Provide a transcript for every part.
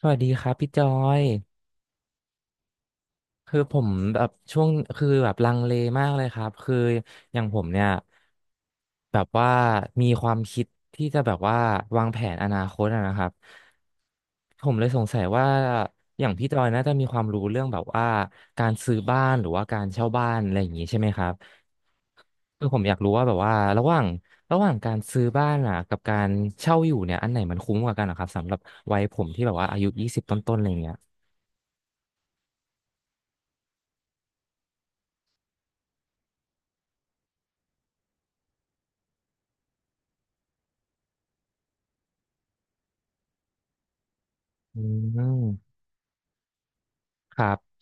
สวัสดีครับพี่จอยคือผมแบบช่วงคือแบบลังเลมากเลยครับคืออย่างผมเนี่ยแบบว่ามีความคิดที่จะแบบว่าวางแผนอนาคตอะนะครับผมเลยสงสัยว่าอย่างพี่จอยน่าจะมีความรู้เรื่องแบบว่าการซื้อบ้านหรือว่าการเช่าบ้านอะไรอย่างนี้ใช่ไหมครับคือผมอยากรู้ว่าแบบว่าระหว่างการซื้อบ้านอ่ะกับการเช่าอยู่เนี่ยอันไหนมันคุ้มกว่ากันนะครับสำหรับวัยผมที่แบบว่าอายุยี่สิบต้นๆอะไรอย่างเงี้ย อืมครับ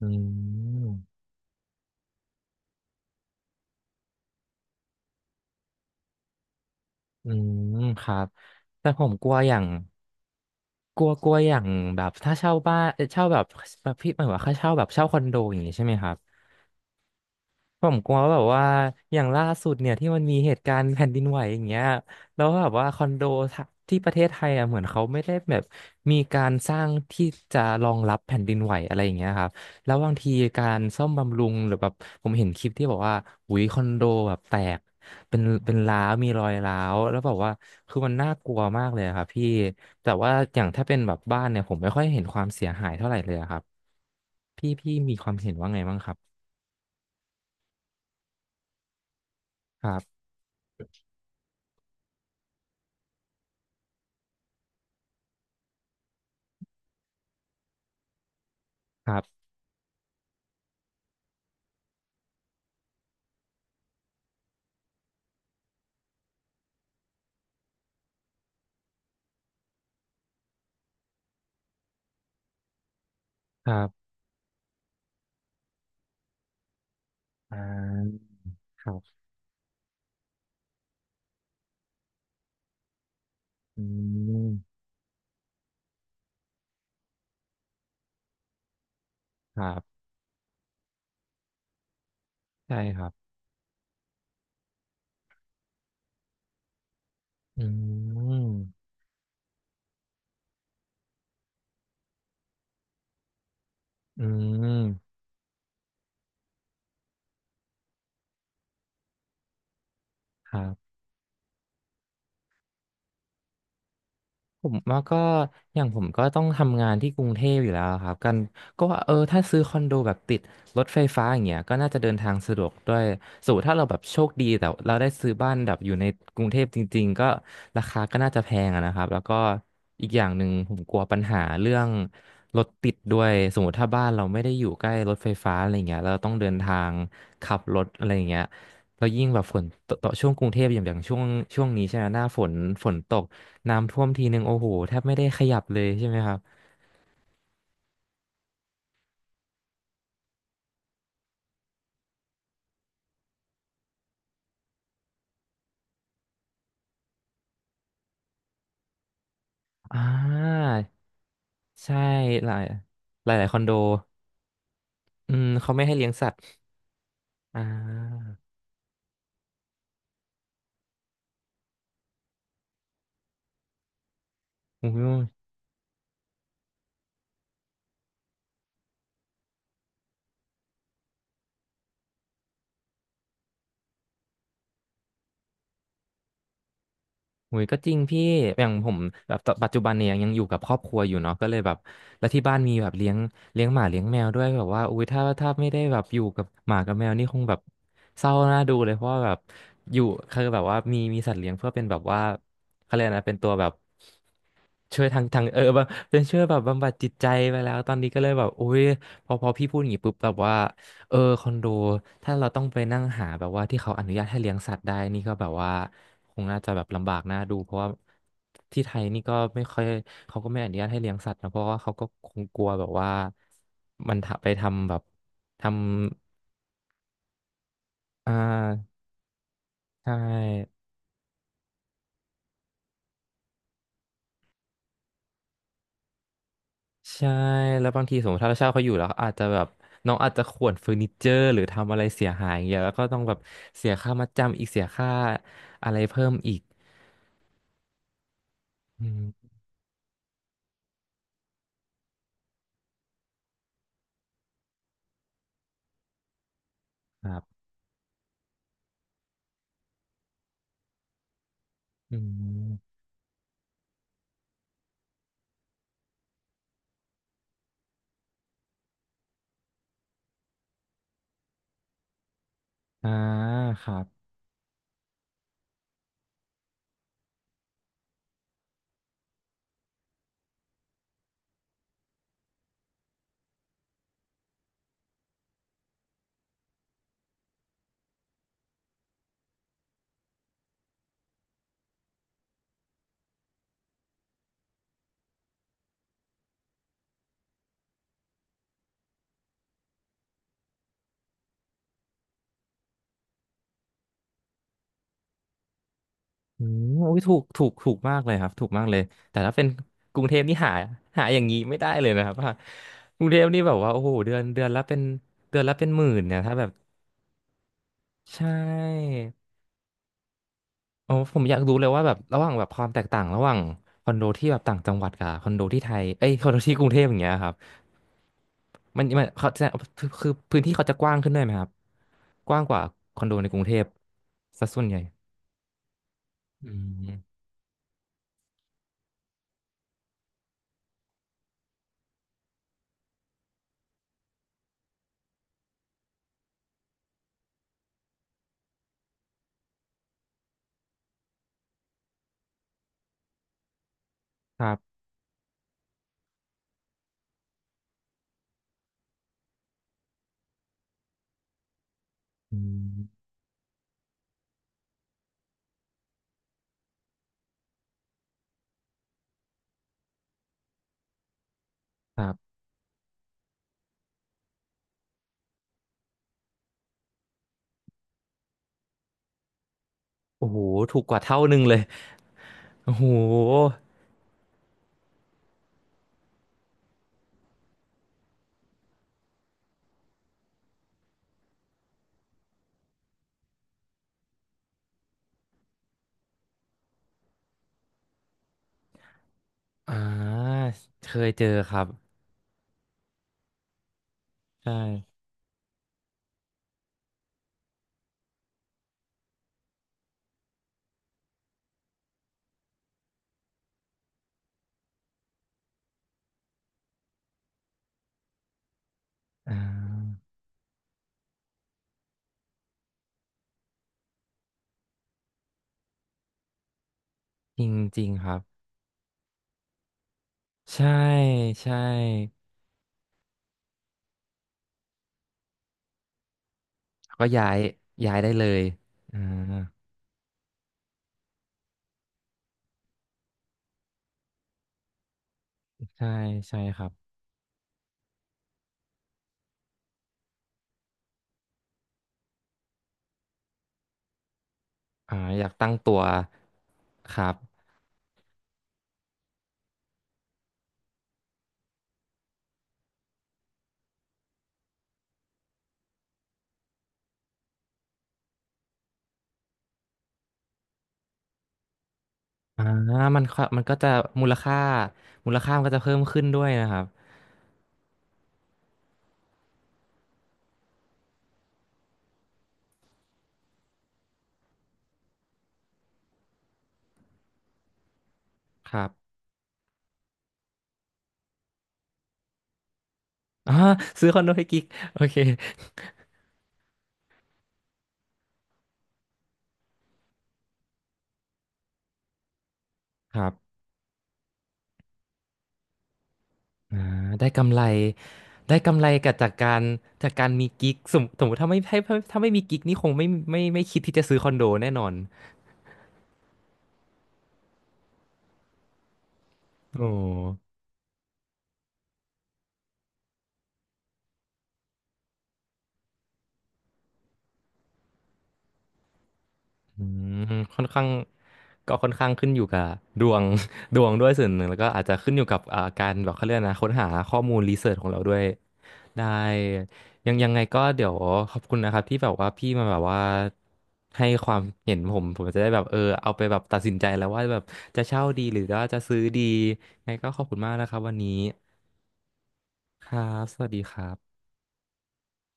อืมอืมครับแต่ผมกลัวอย่างกลัวกลัวอย่างแบบถ้าเช่าบ้านเช่าแบบแบบพี่หมายว่าค่าเช่าแบบเช่าคอนโดอย่างนี้ใช่ไหมครับ ผมกลัวว่าแบบว่าอย่างล่าสุดเนี่ยที่มันมีเหตุการณ์แผ่นดินไหวอย่างเงี้ยแล้วแบบว่าคอนโดทะที่ประเทศไทยอ่ะเหมือนเขาไม่ได้แบบมีการสร้างที่จะรองรับแผ่นดินไหวอะไรอย่างเงี้ยครับแล้วบางทีการซ่อมบำรุงหรือแบบผมเห็นคลิปที่บอกว่าอุยคอนโดแบบแตกเป็นร้าวมีรอยร้าวแล้วแบบว่าคือมันน่ากลัวมากเลยอะครับพี่แต่ว่าอย่างถ้าเป็นแบบบ้านเนี่ยผมไม่ค่อยเห็นความเสียหายเท่าไหร่เลยอะครับพี่มีความเห็นว่าไงบ้างครับครับครับครับ อ่าครับอืม ครับ ใช่ครับ อืม อืม ครับ ผมว่าก็อย่างผมก็ต้องทำงานที่กรุงเทพอยู่แล้วครับกันก็ว่าเออถ้าซื้อคอนโดแบบติดรถไฟฟ้าอย่างเงี้ยก็น่าจะเดินทางสะดวกด้วยสมมุติถ้าเราแบบโชคดีแต่เราได้ซื้อบ้านแบบอยู่ในกรุงเทพจริงๆก็ราคาก็น่าจะแพงอะนะครับแล้วก็อีกอย่างหนึ่งผมกลัวปัญหาเรื่องรถติดด้วยสมมติถ้าบ้านเราไม่ได้อยู่ใกล้รถไฟฟ้าอะไรเงี้ยเราต้องเดินทางขับรถอะไรเงี้ยแล้วยิ่งแบบฝนตกต่อช่วงกรุงเทพอย่างอย่างช่วงนี้ใช่ไหมหน้าฝนฝนตก น้ำท่วมทีหนึ่งโอ้โหแทบไม่ได้ขยับเลยใช่ไหมครับอ่าใช่หลายหลายหลายคอนโดอืมเขาไม่ให้เลี้ยงสัตว์อ่าอุ้ย หุยก็จริงพี่อย่างผมแบบตอนปัจจุบันเนี่ยยังอยู่กับครอบครัวอยู่เนาะก็เลยแบบแล้วที่บ้านมีแบบเลี้ยงเลี้ยงหมาเลี้ยงแมวด้วยแบบว่าอุ้ยถ้าถ้าไม่ได้แบบอยู่กับหมากับแมวนี่คงแบบเศร้าน่าดูเลยเพราะว่าแบบอยู่คือแบบว่ามีมีสัตว์เลี้ยงเพื่อเป็นแบบว่าเขาเรียกอะไรนะเป็นตัวแบบช่วยทางทางแบบเป็นช่วยแบบบำบัดจิตใจไปแล้วตอนนี้ก็เลยแบบอุ้ยพอพอพี่พูดอย่างนี้ปุ๊บแบบว่า เออคอนโดถ้าเราต้องไปนั่งหาแบบว่าที่เขาอนุญาตให้เลี้ยงสัตว์ได้นี่ก็แบบว่าคงน่าจะแบบลำบากน่าดูเพราะว่าที่ไทยนี่ก็ไม่ค่อยเขาก็ไม่อนุญาตให้เลี้ยงสัตว์นะเพราะว่าเขาก็คงกลัวแบบว่ามันถ้าไปทำแบบทำอ่าใช่ใช่แล้วบางทีสมมติถ้าเราเช่าเขาอยู่แล้วอาจจะแบบน้องอาจจะข่วนเฟอร์นิเจอร์หรือทำอะไรเสียหายอย่างเงี้ยแล้วก็ต้องแบบเสียค่ามัดจำอีกเสียค่าอะไรเพิ่มอีกอืมครับอืม อ่าครับอืมโอ้ยถูกถูกมากเลยครับถูกมากเลยแต่ถ้าเป็นกรุงเทพนี่หาหาอย่างนี้ไม่ได้เลยนะครับว่ากรุงเทพนี่แบบว่าโอ้โหเดือนเดือนละเป็นเดือนละเป็นหมื่นเนี่ยถ้าแบบใช่โอ้ผมอยากรู้เลยว่าแบบระหว่างแบบความแตกต่างระหว่างคอนโดที่แบบต่างจังหวัดกับคอนโดที่ไทยเอ้ยคอนโดที่กรุงเทพอย่างเงี้ยครับมันเขาจะคือพื้นที่เขาจะกว้างขึ้นด้วยไหมครับกว้างกว่าคอนโดในกรุงเทพซะส่วนใหญ่อืมครับอืมครับ โอ้โหถูกกว่าเท่าหนึ่งเลยโอ้โหอ่าเคยเจอครับใช่อ่าจริงจริงครับ ใช่ใช่ก็ย้ายย้ายได้เลยอ่าใช่ใช่ครับอ่าอยากตั้งตัวครับอ่ามันก็จะมูลค่ามูลค่ามันก็จะเพิ่มขึ้นด้วยนะครับ ครับอ่าซื้อคอนโดให้กิ๊กโอเคครับ อ่าได้กำไรได้กำไรกับจากการจากการมีกิ๊กสมสมมติถ้าไม่ให้ถ้าไม่มีกิ๊กนี่คงไม่คิดที่จะซื้อคอนโดแน่นอนโอ้อืมค่อนข้างก็ค่อนข้างขึ้นอยู่กับดวง ดวงด้วยส่วนหนึ่งแล้วก็อาจจะขึ้นอยู่กับอ่าการแบบเขาเรียกนะค้นหาข้อมูลรีเสิร์ชของเราด้วย ได้ยังยังไงก็เดี๋ยวขอบคุณนะครับที่แบบว่าพี่มาแบบว่าให้ความเห็นผมจะได้แบบเออเอาไปแบบตัดสินใจแล้วว่าแบบจะเช่าดีหรือว่าจะซื้อดียังไงก็ขอบคุณมากนะครับวันนี้ครับสวัสดีครับ